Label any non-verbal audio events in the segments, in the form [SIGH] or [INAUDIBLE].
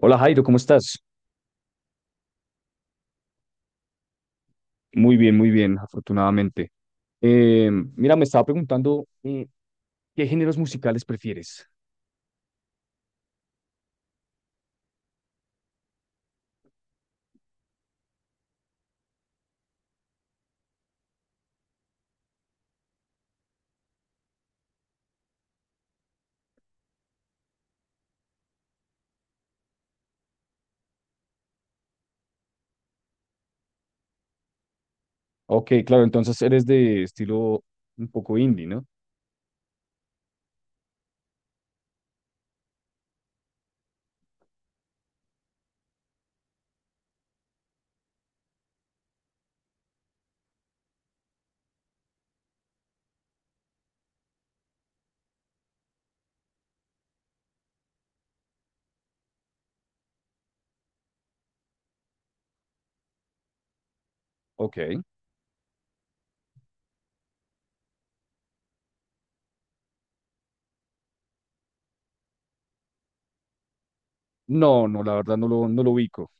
Hola Jairo, ¿cómo estás? Muy bien, afortunadamente. Eh, Mira, me estaba preguntando qué géneros musicales prefieres. Ok, claro, entonces eres de estilo un poco indie, ¿no? Ok. No, no, la verdad no lo ubico.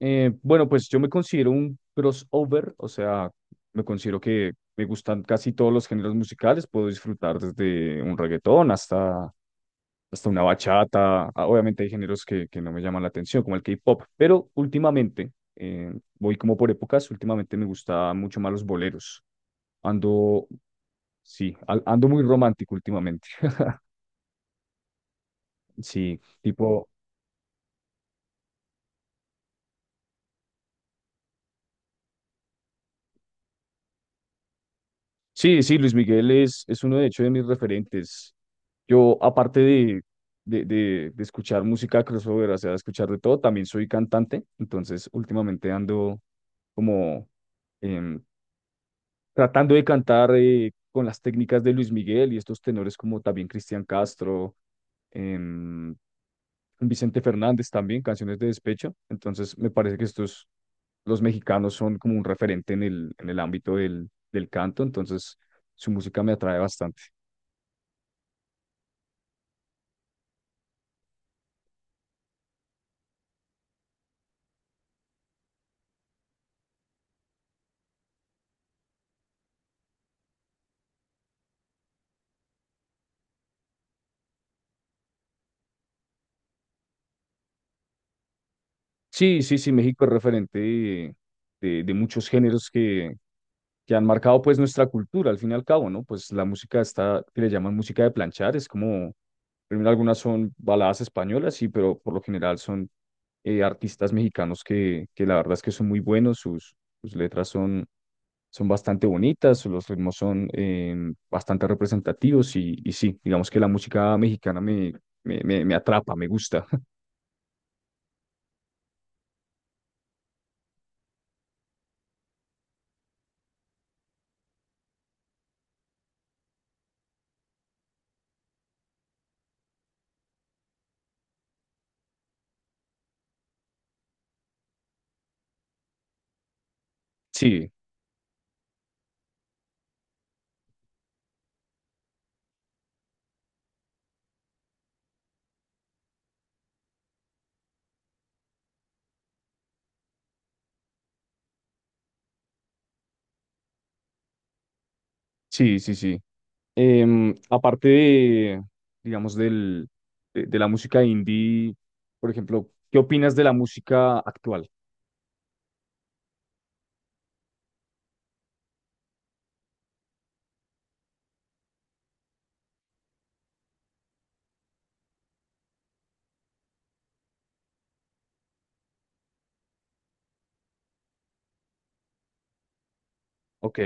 Bueno, pues yo me considero un crossover, o sea, me considero que me gustan casi todos los géneros musicales, puedo disfrutar desde un reggaetón hasta hasta una bachata. Ah, obviamente hay géneros que no me llaman la atención, como el K-pop, pero últimamente, voy como por épocas, últimamente me gusta mucho más los boleros. Ando, sí, ando muy romántico últimamente. Sí, tipo, sí, sí, Luis Miguel es uno de hecho de mis referentes. Yo, de escuchar música crossover, o sea, escuchar de todo, también soy cantante, entonces últimamente ando como em, tratando de cantar con las técnicas de Luis Miguel y estos tenores como también Cristian Castro, em, Vicente Fernández también, canciones de despecho. Entonces me parece que estos, los mexicanos son como un referente en el ámbito del canto, entonces su música me atrae bastante. Sí, sí, sí, México es referente de, de muchos géneros que han marcado pues nuestra cultura al fin y al cabo, ¿no? Pues la música está, que le llaman música de planchar, es como, primero algunas son baladas españolas, sí, pero por lo general son artistas mexicanos que la verdad es que son muy buenos, sus, sus letras son, son bastante bonitas, los ritmos son bastante representativos y sí, digamos que la música mexicana me, me atrapa, me gusta. [LAUGHS] Sí, sí, sí, sí. Aparte de, digamos, del, de la música indie, por ejemplo, ¿qué opinas de la música actual? Ok.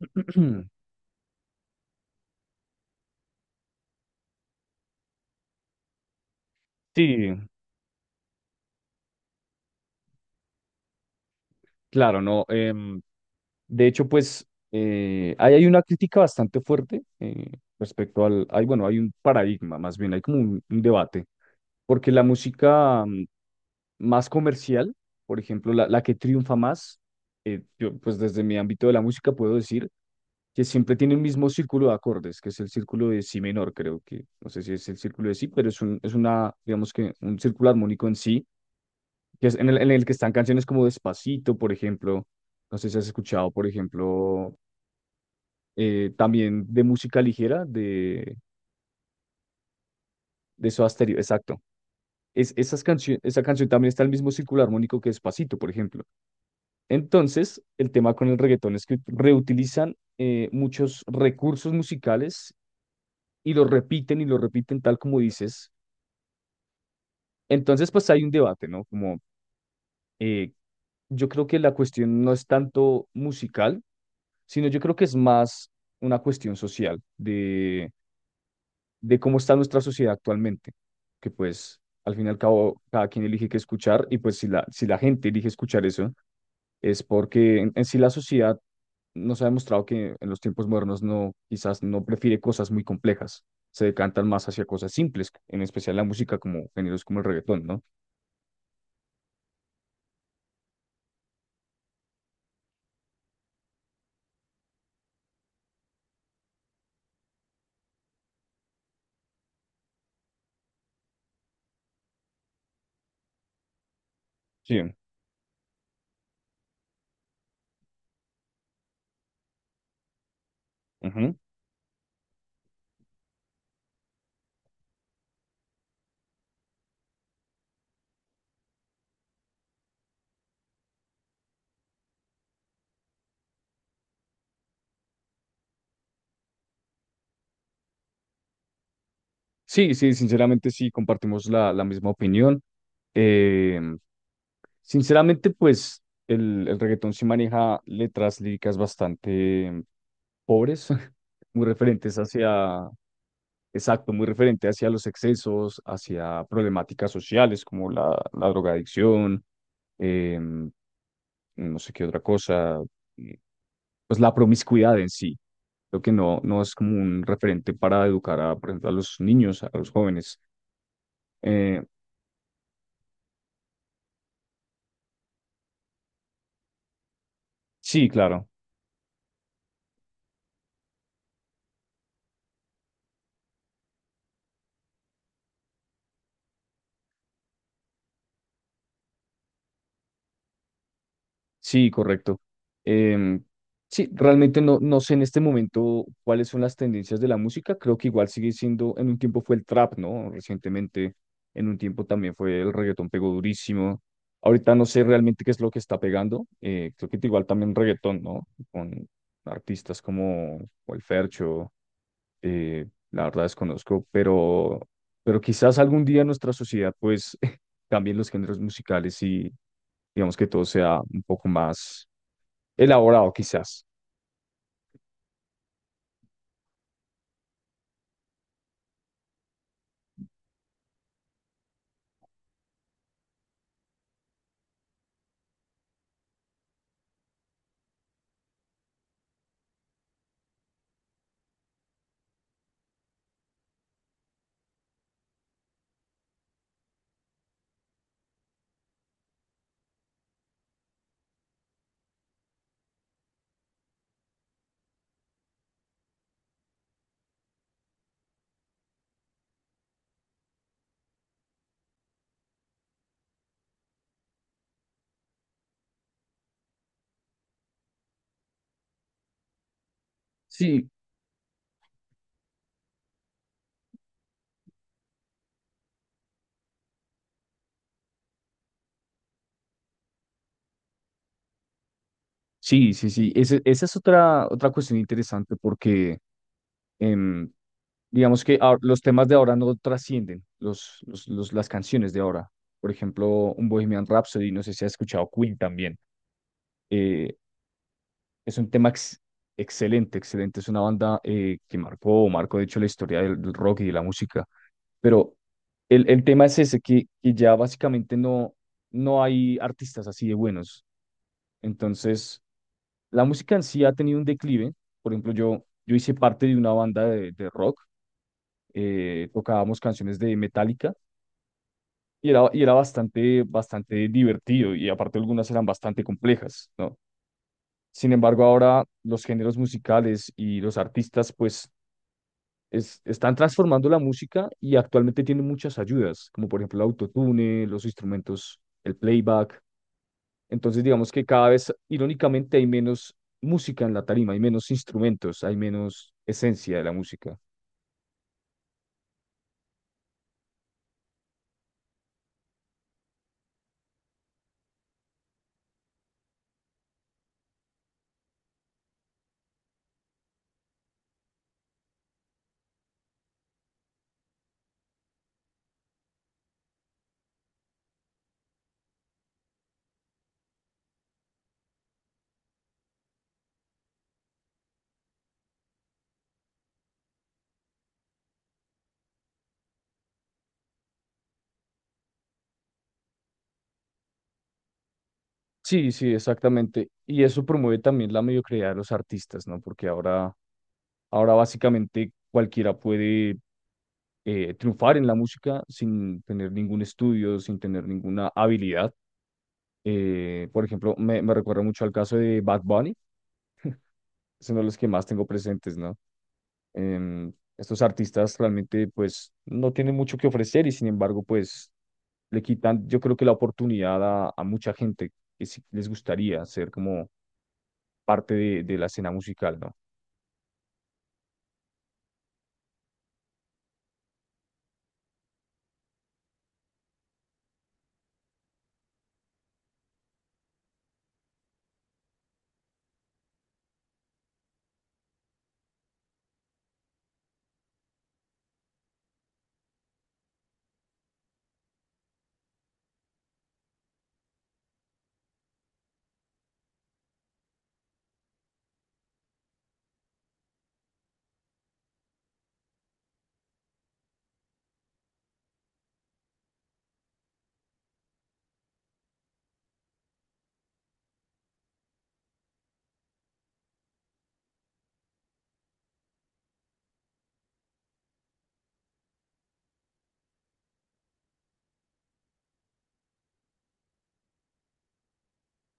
[CLEARS THROAT] Sí, claro, no. De hecho, pues, ahí hay una crítica bastante fuerte respecto al, hay, bueno, hay un paradigma, más bien, hay como un debate, porque la música más comercial, por ejemplo, la que triunfa más, yo, pues desde mi ámbito de la música puedo decir que siempre tiene el mismo círculo de acordes, que es el círculo de si menor, creo que, no sé si es el círculo de si, pero es un, es una, digamos que un círculo armónico en sí, que es en el que están canciones como Despacito, por ejemplo, no sé si has escuchado, por ejemplo, también de música ligera, de Soda Stereo, exacto. Es, esa canción también está en el mismo círculo armónico que Despacito, por ejemplo. Entonces, el tema con el reggaetón es que reutilizan muchos recursos musicales y lo repiten tal como dices. Entonces, pues hay un debate, ¿no? Como eh, yo creo que la cuestión no es tanto musical, sino yo creo que es más una cuestión social de cómo está nuestra sociedad actualmente, que pues al fin y al cabo cada quien elige qué escuchar y pues si la, si la gente elige escuchar eso, es porque en sí la sociedad nos ha demostrado que en los tiempos modernos no, quizás no prefiere cosas muy complejas, se decantan más hacia cosas simples, en especial la música como géneros como el reggaetón, ¿no? Sí, ujú. Sí, sí, sinceramente sí, compartimos la, la misma opinión. Eh, Sinceramente, pues el reggaetón sí maneja letras líricas bastante pobres, [LAUGHS] muy referentes hacia, exacto, muy referente hacia los excesos, hacia problemáticas sociales como la drogadicción, em, no sé qué otra cosa, eh, pues la promiscuidad en sí. Creo que no, no es como un referente para educar a, por ejemplo, a los niños, a los jóvenes. Eh, sí, claro. Sí, correcto. Em, sí, realmente no, no sé en este momento cuáles son las tendencias de la música. Creo que igual sigue siendo, en un tiempo fue el trap, ¿no? Recientemente, en un tiempo también fue el reggaetón pegó durísimo. Ahorita no sé realmente qué es lo que está pegando. Creo que igual también reggaetón, ¿no? Con artistas como, como el Fercho, la verdad desconozco, pero quizás algún día en nuestra sociedad pues [LAUGHS] cambien los géneros musicales y digamos que todo sea un poco más elaborado quizás. Sí, sí, sí, sí. Esa es otra, otra cuestión interesante porque em, digamos que los temas de ahora no trascienden los, las canciones de ahora. Por ejemplo, un Bohemian Rhapsody, no sé si has escuchado Queen también. eh, Es un tema excelente, excelente. Es una banda que marcó, marcó de hecho la historia del, del rock y de la música. Pero el tema es ese, que ya básicamente no, no hay artistas así de buenos. Entonces, la música en sí ha tenido un declive. Por ejemplo, yo hice parte de una banda de rock. Tocábamos canciones de Metallica y era bastante, bastante divertido y aparte algunas eran bastante complejas, ¿no? Sin embargo, ahora los géneros musicales y los artistas, pues están transformando la música y actualmente tienen muchas ayudas, como por ejemplo el autotune, los instrumentos, el playback. Entonces, digamos que cada vez, irónicamente, hay menos música en la tarima, hay menos instrumentos, hay menos esencia de la música. Sí, sí, exactamente. Y eso promueve también la mediocridad de los artistas, ¿no? Porque ahora, ahora básicamente cualquiera puede triunfar en la música sin tener ningún estudio, sin tener ninguna habilidad. Por ejemplo, me recuerda mucho al caso de Bad Bunny, son de los que más tengo presentes, ¿no? Estos artistas realmente, pues, no tienen mucho que ofrecer y sin embargo, pues, le quitan, yo creo que la oportunidad a mucha gente que sí les gustaría ser como parte de la escena musical, ¿no?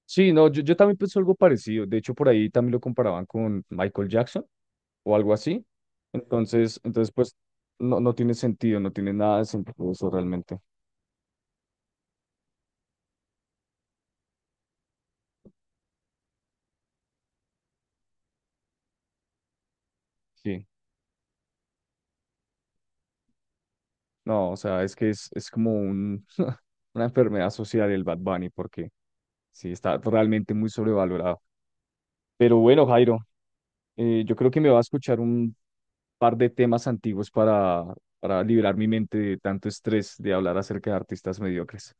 Sí, no, yo también pienso algo parecido. De hecho, por ahí también lo comparaban con Michael Jackson o algo así. Entonces, entonces pues, no, no tiene sentido, no tiene nada de sentido eso realmente. Sí. No, o sea, es que es como un, [LAUGHS] una enfermedad social el Bad Bunny, porque sí, está realmente muy sobrevalorado. Pero bueno, Jairo, yo creo que me va a escuchar un par de temas antiguos para liberar mi mente de tanto estrés de hablar acerca de artistas mediocres.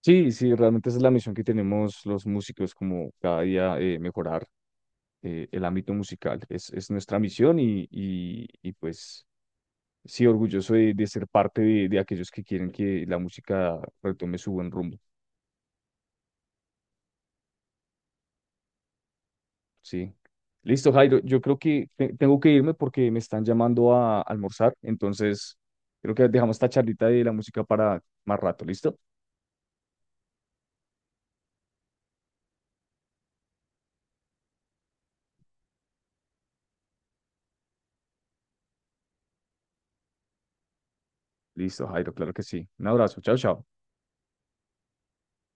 Sí, sí, realmente esa es la misión que tenemos los músicos, como cada día mejorar el ámbito musical. Es nuestra misión y pues sí, orgulloso de ser parte de aquellos que quieren que la música retome su buen rumbo, sí. Listo, Jairo, yo creo que tengo que irme porque me están llamando a almorzar, entonces creo que dejamos esta charlita de la música para más rato, ¿listo? Listo, Jairo, claro que sí. Un abrazo, chao, chao.